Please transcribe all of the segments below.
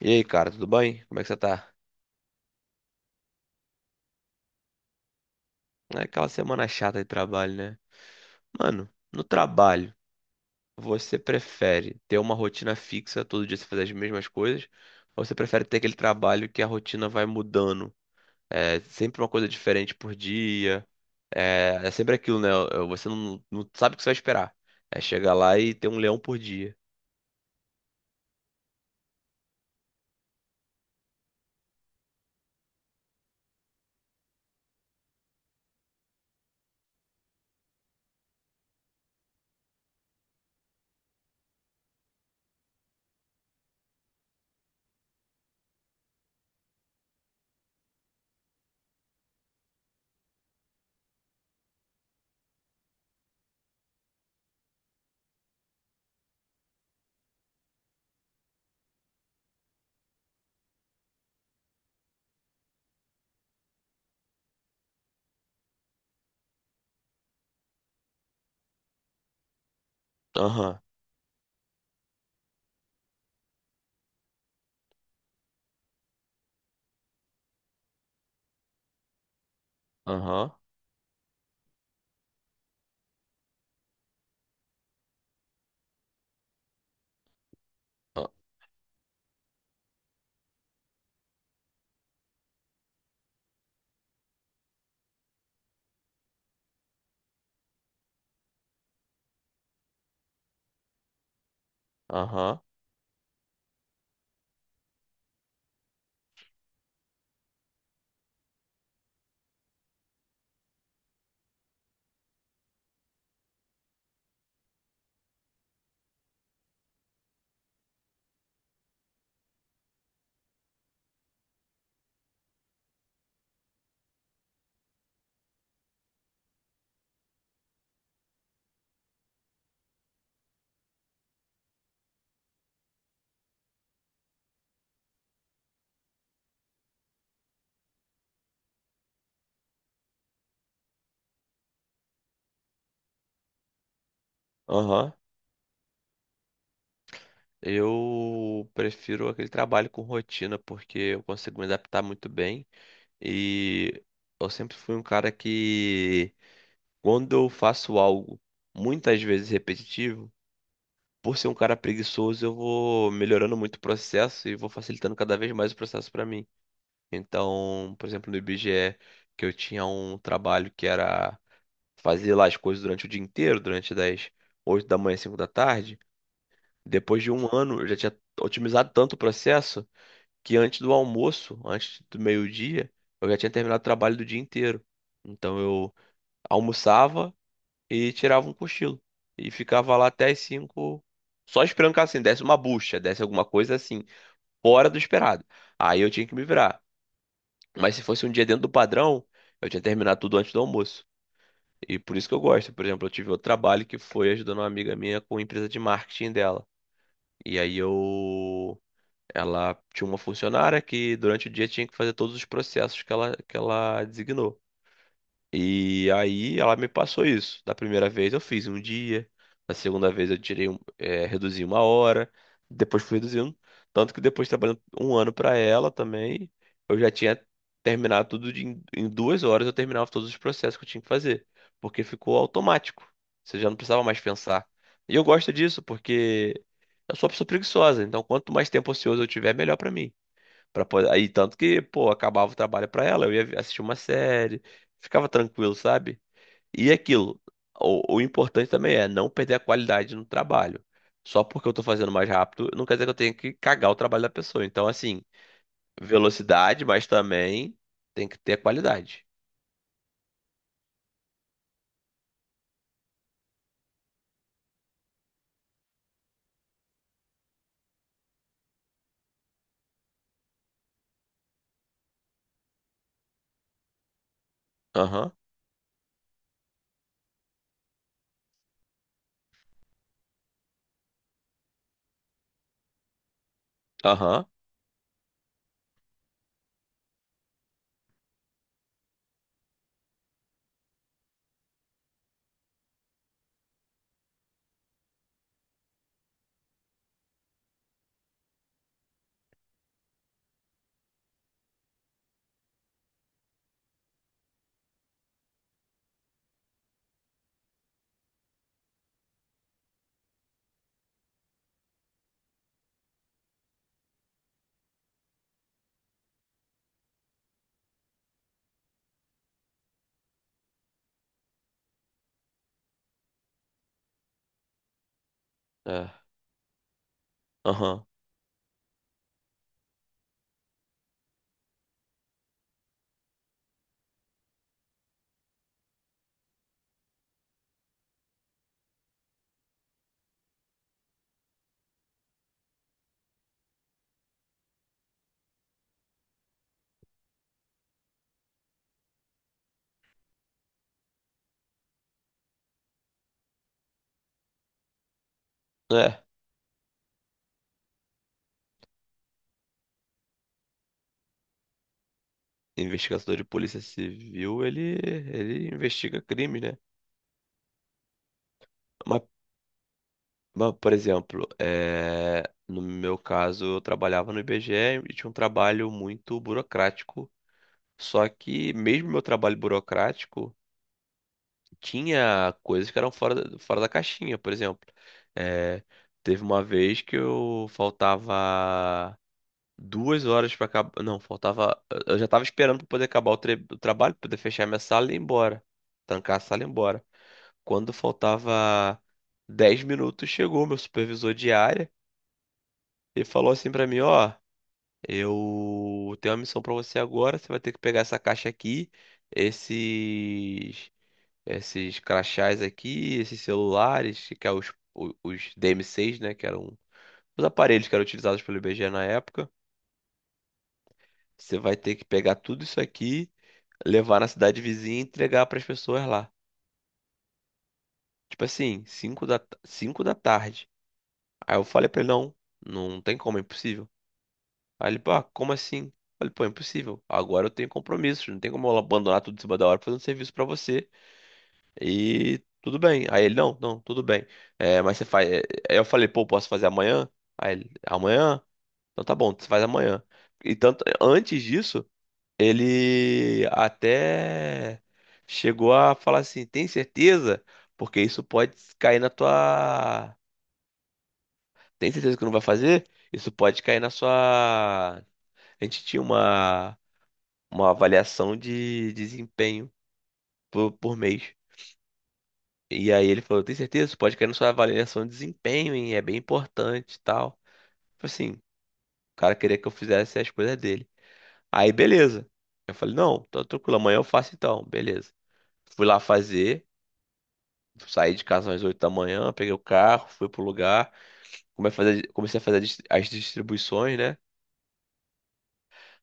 E aí, cara, tudo bem? Como é que você tá? É aquela semana chata de trabalho, né? Mano, no trabalho, você prefere ter uma rotina fixa, todo dia você fazer as mesmas coisas, ou você prefere ter aquele trabalho que a rotina vai mudando? É sempre uma coisa diferente por dia, é sempre aquilo, né? Você não sabe o que você vai esperar. É chegar lá e ter um leão por dia. Aham, aham, ah, aham, aham. Eu prefiro aquele trabalho com rotina, porque eu consigo me adaptar muito bem. E eu sempre fui um cara que, quando eu faço algo muitas vezes repetitivo, por ser um cara preguiçoso, eu vou melhorando muito o processo e vou facilitando cada vez mais o processo para mim. Então, por exemplo, no IBGE, que eu tinha um trabalho que era fazer lá as coisas durante o dia inteiro, durante das 8 da manhã às 5 da tarde. Depois de um ano, eu já tinha otimizado tanto o processo que antes do almoço, antes do meio-dia, eu já tinha terminado o trabalho do dia inteiro. Então eu almoçava e tirava um cochilo. E ficava lá até as 5, só esperando que assim, desse uma bucha, desse alguma coisa assim, fora do esperado. Aí eu tinha que me virar. Mas se fosse um dia dentro do padrão, eu tinha terminado tudo antes do almoço. E por isso que eu gosto. Por exemplo, eu tive outro trabalho que foi ajudando uma amiga minha com a empresa de marketing dela. E aí eu ela tinha uma funcionária que durante o dia tinha que fazer todos os processos que ela designou. E aí ela me passou isso. Da primeira vez eu fiz um dia, na segunda vez eu tirei um, reduzi uma hora, depois fui reduzindo. Tanto que depois trabalhando um ano para ela também, eu já tinha terminado tudo em 2 horas, eu terminava todos os processos que eu tinha que fazer, porque ficou automático. Você já não precisava mais pensar. E eu gosto disso porque eu sou uma pessoa preguiçosa, então quanto mais tempo ocioso eu tiver, melhor para mim. Aí, tanto que, pô, acabava o trabalho pra ela, eu ia assistir uma série, ficava tranquilo, sabe? E aquilo, o importante também é não perder a qualidade no trabalho. Só porque eu tô fazendo mais rápido, não quer dizer que eu tenha que cagar o trabalho da pessoa. Então, assim, velocidade, mas também tem que ter qualidade. Aham, aham, é, aham, é. Investigador de polícia civil, ele investiga crime, né? Mas, por exemplo, no meu caso, eu trabalhava no IBGE e tinha um trabalho muito burocrático. Só que, mesmo meu trabalho burocrático, tinha coisas que eram fora, fora da caixinha. Por exemplo, é, teve uma vez que eu faltava 2 horas para acabar. Não, faltava. Eu já estava esperando para poder acabar o, o trabalho, poder fechar minha sala e ir embora. Trancar a sala e ir embora. Quando faltava 10 minutos, chegou meu supervisor de área. Ele falou assim pra mim, ó, eu tenho uma missão pra você agora, você vai ter que pegar essa caixa aqui, esses esses crachás aqui, esses celulares, que é os, DM6, né, que eram os aparelhos que eram utilizados pelo IBGE na época. Você vai ter que pegar tudo isso aqui, levar na cidade vizinha e entregar pras pessoas lá. Tipo assim, 5 da tarde. Aí eu falei pra ele, não, não tem como, é impossível. Aí ele, pá, como assim? Eu falei, pô, é impossível. Agora eu tenho compromissos, não tem como eu abandonar tudo em cima da hora fazendo serviço pra você. E tudo bem. Aí ele, não, não, tudo bem. É, mas você faz. Aí eu falei, pô, posso fazer amanhã? Aí ele, amanhã? Então tá bom, você faz amanhã. E tanto, antes disso, ele até chegou a falar assim: tem certeza? Porque isso pode cair na tua. Tem certeza que não vai fazer? Isso pode cair na sua. A gente tinha uma avaliação de desempenho por mês. E aí ele falou, tem certeza? Você pode cair na sua avaliação de desempenho, hein? É bem importante e tal. Eu falei assim, o cara queria que eu fizesse as coisas dele. Aí, beleza. Eu falei, não, tá tranquilo, amanhã eu faço então, beleza. Fui lá fazer, saí de casa às 8 da manhã, peguei o carro, fui pro lugar, comecei a fazer as distribuições, né?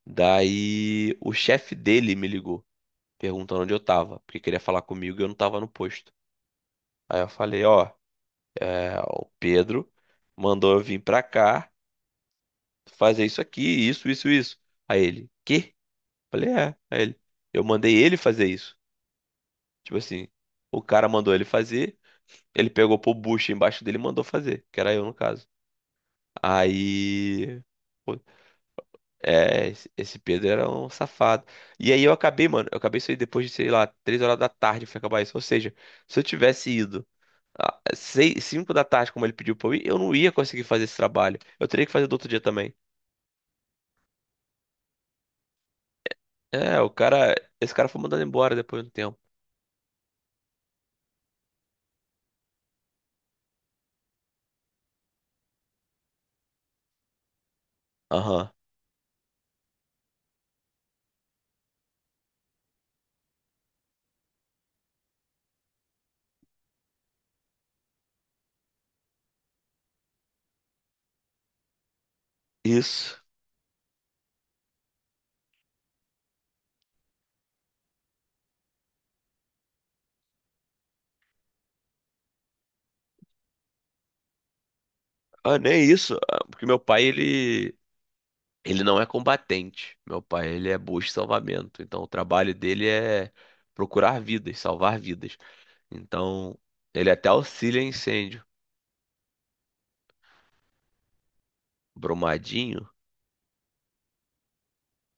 Daí o chefe dele me ligou, perguntando onde eu tava, porque queria falar comigo e eu não tava no posto. Aí eu falei, ó, o Pedro mandou eu vir pra cá fazer isso aqui, isso, isso, isso. Aí ele, quê? Falei, é. Aí ele, eu mandei ele fazer isso. Tipo assim, o cara mandou ele fazer, ele pegou pro bucho embaixo dele e mandou fazer, que era eu no caso. Aí, pô, esse Pedro era um safado. E aí eu acabei, mano. Eu acabei isso aí depois de, sei lá, 3 horas da tarde foi acabar isso. Ou seja, se eu tivesse ido às 5 da tarde, como ele pediu pra eu ir, eu não ia conseguir fazer esse trabalho. Eu teria que fazer do outro dia também. É, o cara. Esse cara foi mandado embora depois de um tempo. Aham. Isso. Ah, nem isso. Ah, porque meu pai, ele. Ele não é combatente. Meu pai, ele é busca e salvamento. Então, o trabalho dele é procurar vidas, salvar vidas. Então, ele até auxilia em incêndio. Brumadinho?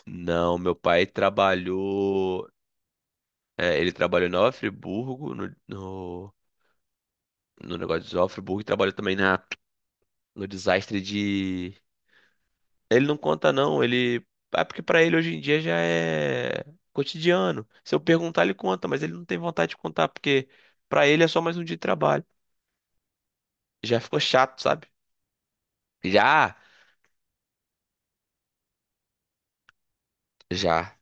Não, meu pai trabalhou. Ele trabalhou em Nova Friburgo, no negócio de Nova Friburgo, e trabalhou também na, no desastre. Ele não conta, não. Ele. É porque pra ele hoje em dia já é cotidiano. Se eu perguntar, ele conta, mas ele não tem vontade de contar, porque pra ele é só mais um dia de trabalho. Já ficou chato, sabe? Já, já.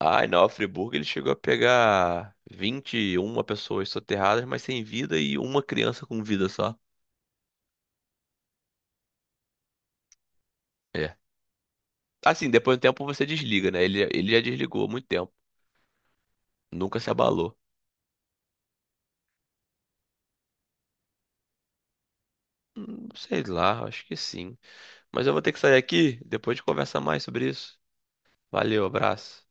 Ai, na Friburgo ele chegou a pegar 21 pessoas soterradas, mas sem vida e uma criança com vida só. É. Assim, depois de um tempo você desliga, né? Ele já desligou há muito tempo. Nunca se abalou. Sei lá, acho que sim. Mas eu vou ter que sair aqui, depois de conversar mais sobre isso. Valeu, abraço.